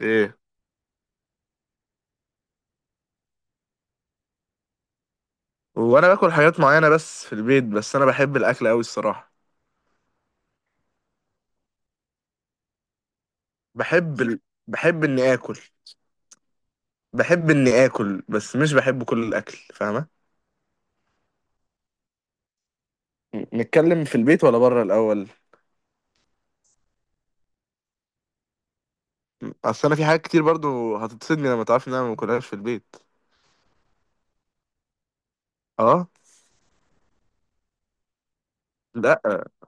ايه. وانا باكل حاجات معينه بس في البيت، بس انا بحب الاكل قوي الصراحه. بحب ال... بحب اني اكل. بس مش بحب كل الاكل، فاهمه؟ نتكلم في البيت ولا بره الاول؟ اصل انا في حاجات كتير برضو هتتصدمي لما تعرفي ان انا ما باكلهاش في البيت. اه. لا،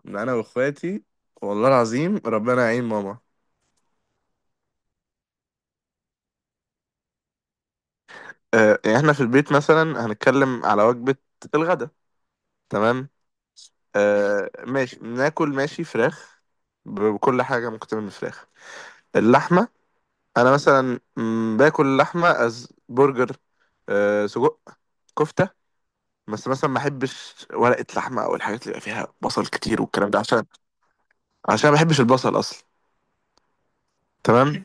ده انا واخواتي، والله العظيم ربنا يعين ماما. آه يعني احنا في البيت مثلا هنتكلم على وجبه الغداء. تمام. آه ماشي، ناكل ماشي فراخ. بكل حاجه ممكن تعمل من فراخ، اللحمة. أنا مثلا باكل لحمة أز برجر، أه سجق، كفتة. بس مثلا ما أحبش ورقة لحمة أو الحاجات اللي بيبقى فيها بصل كتير والكلام ده، عشان ما بحبش البصل أصلا. تمام.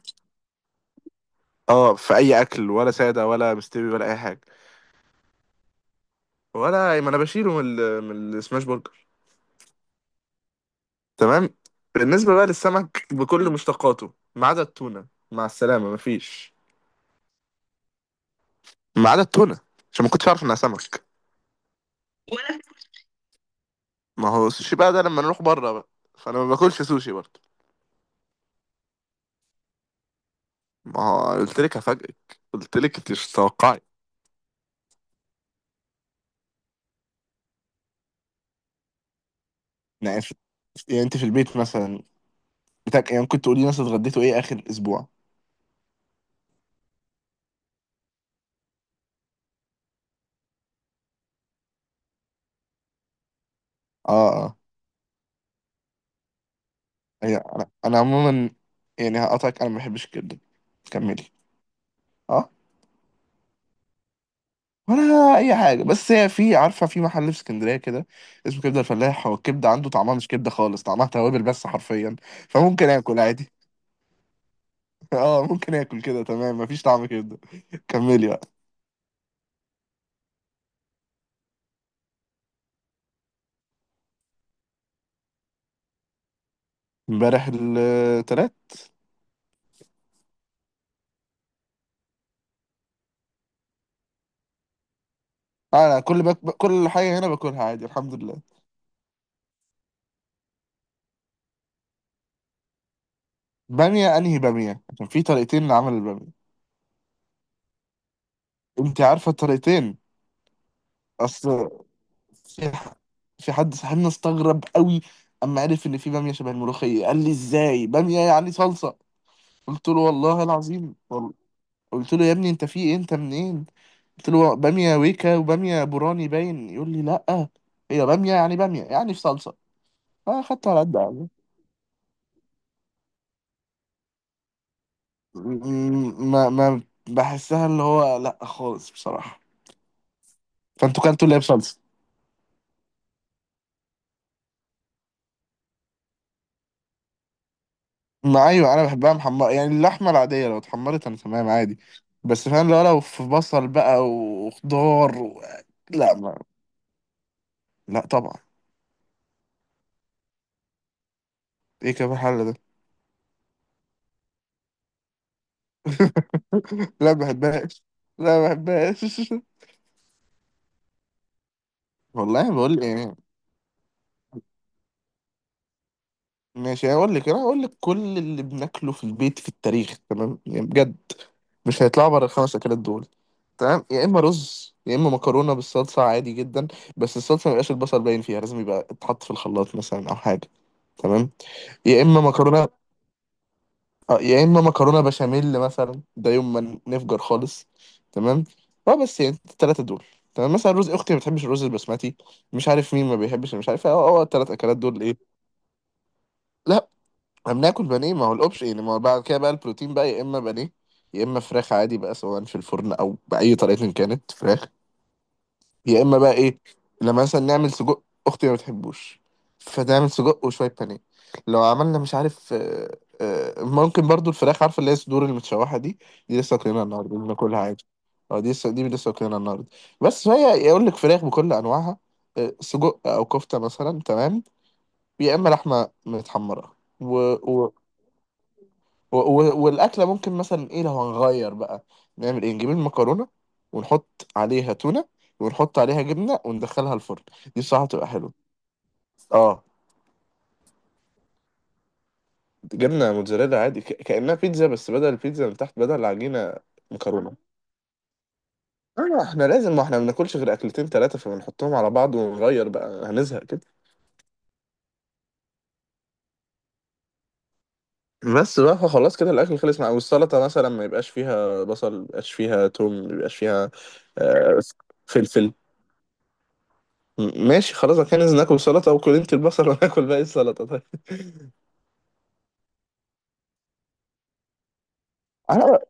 اه في أي أكل، ولا سادة ولا مستوي ولا أي حاجة. ولا ما أنا بشيله من من السماش برجر. تمام. بالنسبة بقى للسمك بكل مشتقاته ما عدا التونة، مع السلامة مفيش. ما عدا التونة عشان ما كنتش أعرف إنها سمك. ما هو السوشي بقى ده لما نروح بره بقى، فانا ما باكلش سوشي برضه. ما هو قلت لك هفاجئك، قلت لك انت مش متوقعي. يعني في... يعني انت في البيت مثلا يعني ممكن تقولي مثلا اتغديتوا ايه اخر اسبوع؟ اه اه. يعني انا عموما، يعني هقطعك، انا ما بحبش الكبده. كملي. اه. ولا اي حاجه، بس هي في عارفه في محل في اسكندريه كده اسمه كبده الفلاح، هو الكبده عنده طعمها مش كبده خالص، طعمها توابل بس حرفيا، فممكن اكل عادي. اه ممكن اكل كده، تمام، مفيش طعم كبده. كملي بقى. امبارح التلات. اه انا كل حاجه هنا باكلها عادي الحمد لله. باميه انهي باميه؟ عشان في طريقتين لعمل الباميه، انت عارفه الطريقتين؟ اصل في ح- في حد صاحبنا استغرب قوي اما عرف ان في باميه شبه الملوخيه، قال لي ازاي باميه يعني صلصه؟ قلت له والله العظيم قلت له يا ابني انت في ايه، انت منين؟ قلت له باميه ويكا وباميه بوراني، باين يقول لي لا. هي باميه يعني، باميه يعني في صلصه، فاخدته على قد. ما بحسها اللي هو لا خالص بصراحة. فانتوا كلتوا اللي هي بصلصة. ما ايوه انا بحبها محمرة يعني، اللحمة العادية لو اتحمرت انا تمام عادي. بس فاهم، لو في بصل بقى وخضار لا ما... لا طبعا. ايه كيف الحل ده؟ لا ما بحبهاش، لا ما بحبهاش. والله بقول لك يعني. ماشي هقول لك، كل اللي بناكله في البيت في التاريخ، تمام يعني بجد، مش هيطلعوا بره الخمس اكلات دول. تمام. يا اما رز، يا اما مكرونه بالصلصه عادي جدا، بس الصلصه ما يبقاش البصل باين فيها، لازم يبقى اتحط في الخلاط مثلا او حاجه. تمام. يا اما مكرونه يا اما مكرونه بشاميل مثلا، ده يوم ما نفجر خالص. تمام. اه بس يعني الثلاثه دول. تمام. مثلا رز، اختي ما بتحبش الرز البسمتي، مش عارف مين ما بيحبش، مش عارف اه اه الثلاث اكلات دول ايه. لا، احنا بناكل بانيه، ما هو الاوبشن يعني، ما هو بعد كده بقى البروتين بقى، يا اما بانيه، يا اما فراخ عادي بقى سواء في الفرن او باي طريقه إن كانت فراخ، يا اما بقى ايه لما مثلا نعمل سجق، اختي ما بتحبوش فتعمل سجق وشويه بانيه. لو عملنا مش عارف، ممكن برضو الفراخ، عارفه اللي هي الصدور المتشوحه دي، دي لسه واكلينها النهارده، دي بناكلها عادي. اه دي لسه واكلينها النهارده، بس فهي يقول لك فراخ بكل انواعها، سجق او كفته مثلا. تمام. يا اما لحمه متحمره و... والاكله ممكن مثلا ايه، لو هنغير بقى نعمل ايه، نجيب المكرونه ونحط عليها تونه ونحط عليها جبنه وندخلها الفرن، دي بصراحه تبقى حلوه. اه جبنه موتزاريلا عادي، كانها بيتزا، بس بدل البيتزا من تحت، بدل العجينه مكرونه. اه احنا لازم، ما احنا ما بناكلش غير اكلتين ثلاثه، فبنحطهم على بعض ونغير بقى هنزهق كده. بس بقى فخلاص كده الاكل خلص، مع، والسلطه مثلا ما يبقاش فيها بصل، ما يبقاش فيها توم، ما يبقاش فيها آه، فلفل. ماشي خلاص، انا كان ناكل سلطه او كل انت البصل وناكل باقي السلطه، طيب. انا بقى-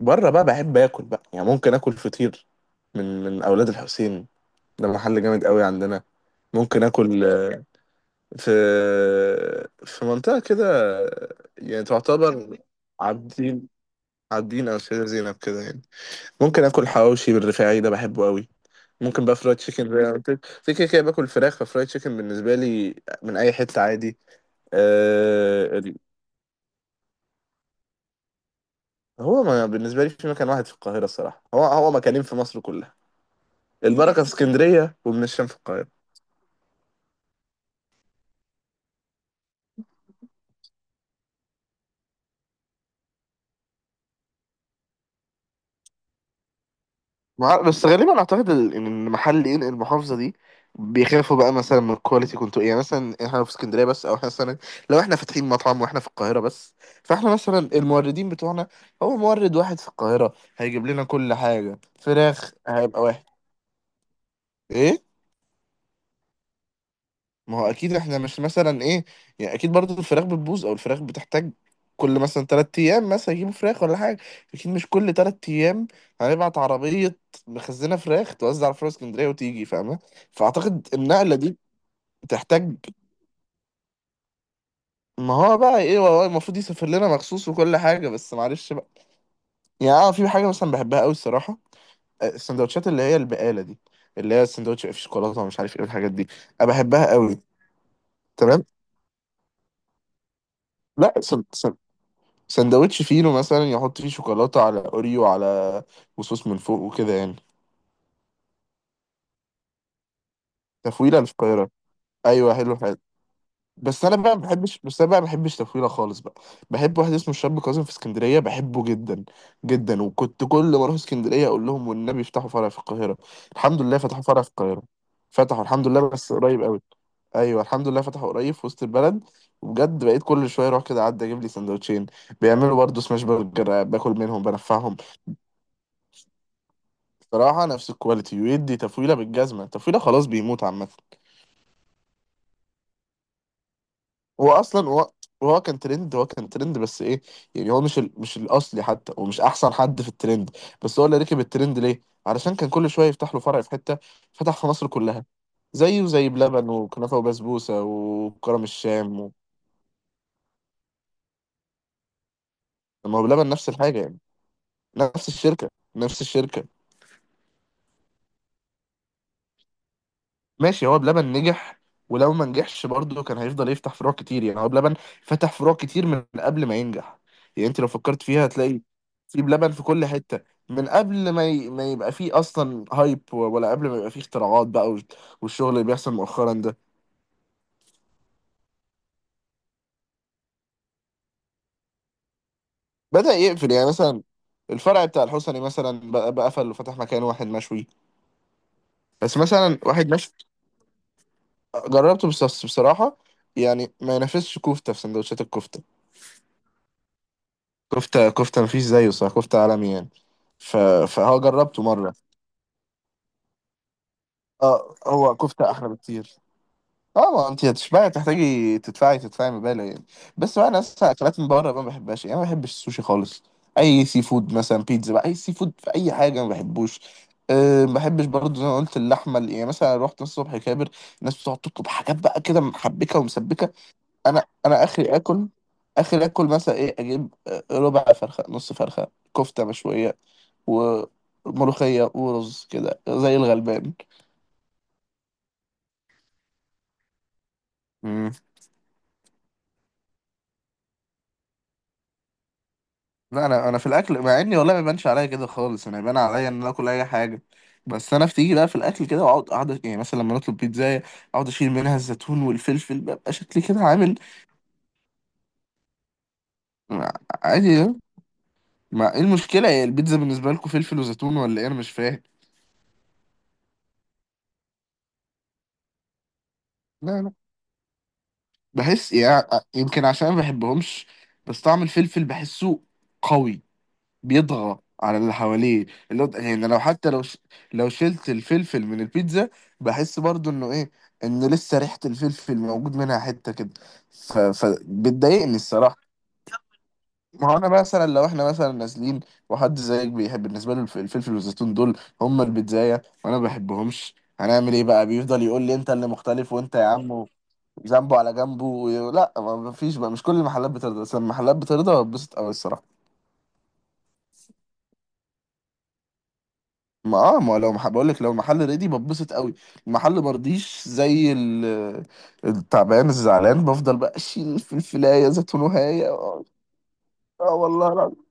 بره بقى بحب اكل بقى يعني، ممكن اكل فطير من اولاد الحسين، ده محل جامد قوي عندنا. ممكن اكل في في منطقه كده، يعني تعتبر عابدين، عابدين او سيدة زينب كده يعني. ممكن اكل حواوشي بالرفاعي، ده بحبه قوي. ممكن بقى فرايد تشيكن زي ما قلت لك. في كده كده باكل فراخ، ففرايد تشيكن بالنسبه لي من اي حته عادي. هو ما بالنسبة لي في مكان واحد في القاهرة الصراحة، هو مكانين في مصر كلها. البركة في اسكندرية، وابن الشام في القاهرة. بس غالبا اعتقد ان محل ينقل المحافظه دي، بيخافوا بقى مثلا من الكواليتي، كنتوا يعني مثلا احنا في اسكندريه بس، او مثلا لو احنا فاتحين مطعم واحنا في القاهره بس، فاحنا مثلا الموردين بتوعنا، هو مورد واحد في القاهره هيجيب لنا كل حاجه، فراخ هيبقى واحد. ايه ما هو اكيد، احنا مش مثلا ايه، يعني اكيد برضو الفراخ بتبوظ او الفراخ بتحتاج، كل مثلا تلات ايام مثلا يجيبوا فراخ ولا حاجه، اكيد مش كل تلات ايام هنبعت عربيه مخزنه فراخ توزع على فروع اسكندريه وتيجي، فاهمه؟ فاعتقد النقله دي بتحتاج. ما هو بقى ايه، والله المفروض يسافر لنا مخصوص وكل حاجه، بس معلش بقى. يعني اه في حاجه مثلا بحبها قوي الصراحه، السندوتشات اللي هي البقاله دي، اللي هي السندوتش في شوكولاته ومش عارف ايه الحاجات دي، انا بحبها قوي. تمام. لا، سندوتش فينو مثلا يحط فيه شوكولاته على اوريو، على وصوص من فوق وكده يعني. تفويله الفقيره. ايوه حلو حلو. بس انا بقى ما بحبش تفويله خالص بقى. بحب واحد اسمه الشاب كاظم في اسكندريه، بحبه جدا جدا، وكنت كل ما اروح اسكندريه اقول لهم والنبي افتحوا فرع في القاهره. الحمد لله فتحوا فرع في القاهره، فتحوا الحمد لله بس قريب قوي. ايوه الحمد لله فتحوا قريب في وسط البلد، وبجد بقيت كل شويه اروح كده اعدي اجيب لي سندوتشين. بيعملوا برضه سماش برجر، باكل منهم بنفعهم. صراحة نفس الكواليتي، ويدي تفويلة بالجزمة، تفويلة خلاص، بيموت عامة. هو أصلا هو هو كان ترند، بس إيه، يعني هو مش الأصلي حتى، ومش أحسن حد في الترند، بس هو اللي ركب الترند ليه؟ علشان كان كل شوية يفتح له فرع في حتة، فتح في مصر كلها. زيه زي بلبن وكنافة وبسبوسة وكرم الشام ما هو بلبن نفس الحاجة يعني، نفس الشركة نفس الشركة. ماشي هو بلبن نجح، ولو ما نجحش برضه كان هيفضل يفتح فروع كتير، يعني هو بلبن فتح فروع كتير من قبل ما ينجح، يعني انت لو فكرت فيها هتلاقي في بلبن في كل حتة، من قبل ما يبقى فيه اصلا هايب، ولا قبل ما يبقى فيه اختراعات بقى والشغل اللي بيحصل مؤخرا ده. بدأ يقفل يعني، مثلا الفرع بتاع الحسني مثلا بقى قفل وفتح مكان واحد مشوي. بس مثلا واحد مشوي جربته، بس بصراحة يعني ما ينافسش كفتة في سندوتشات الكفتة. كفتة مفيش زيه، صح كفتة عالمي يعني. ف... فهو جربته مرة. اه هو كفتة أحلى بكتير. اه ما انت هتشبعي، تحتاجي تدفعي مبالغ يعني. بس بقى انا اصلا اكلات من بره ما بحبهاش يعني، أنا ما بحبش السوشي خالص، اي سي فود مثلا، بيتزا بقى، اي سي فود في اي حاجه ما بحبوش. أه ما بحبش برضه زي ما قلت، اللحمه يعني مثلا رحت الصبح كابر، الناس بتقعد تطلب حاجات بقى كده محبكه ومسبكه. انا اخري اكل، اخري اكل مثلا ايه، اجيب ربع فرخه، نص فرخه، كفته مشويه وملوخية ورز كده زي الغلبان. مم. لا انا في الاكل، مع اني والله ما بيبانش عليا كده خالص، انا يبان عليا ان انا اكل اي حاجه، بس انا بتيجي بقى في الاكل كده، واقعد يعني مثلا لما نطلب بيتزا اقعد اشيل منها الزيتون والفلفل، ببقى شكلي كده عامل. عادي يعني. ما ايه المشكله، هي البيتزا بالنسبه لكم فلفل وزيتون ولا ايه، انا مش فاهم. لا لا بحس يعني، يمكن عشان ما بحبهمش، بس طعم الفلفل بحسه قوي، بيطغى على اللي حواليه. اللي هو يعني، لو حتى لو شلت الفلفل من البيتزا، بحس برضو انه ايه، انه لسه ريحة الفلفل موجود منها حتة كده، فبتضايقني الصراحة. ما هو انا مثلا لو احنا مثلا نازلين، وحد زيك بيحب بالنسبة له الفلفل والزيتون دول هم البيتزاية، وانا ما بحبهمش، هنعمل ايه بقى؟ بيفضل يقول لي انت اللي مختلف، وانت يا عم ذنبه على جنبه لا ما فيش بقى، مش كل المحلات بترضى، بس المحلات بترضى بتبسط قوي الصراحة. ما اه ما لو مح... بقول لك لو المحل ريدي بتبسط قوي، المحل مرضيش زي التعبان الزعلان بفضل بقى اشيل الفلفلايه زيتون وهاية اه. آه والله العظيم.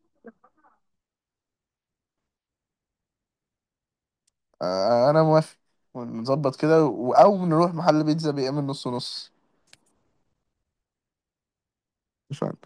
آه انا موافق، نظبط كده او نروح محل بيتزا بيعمل نص نص. مش عارف.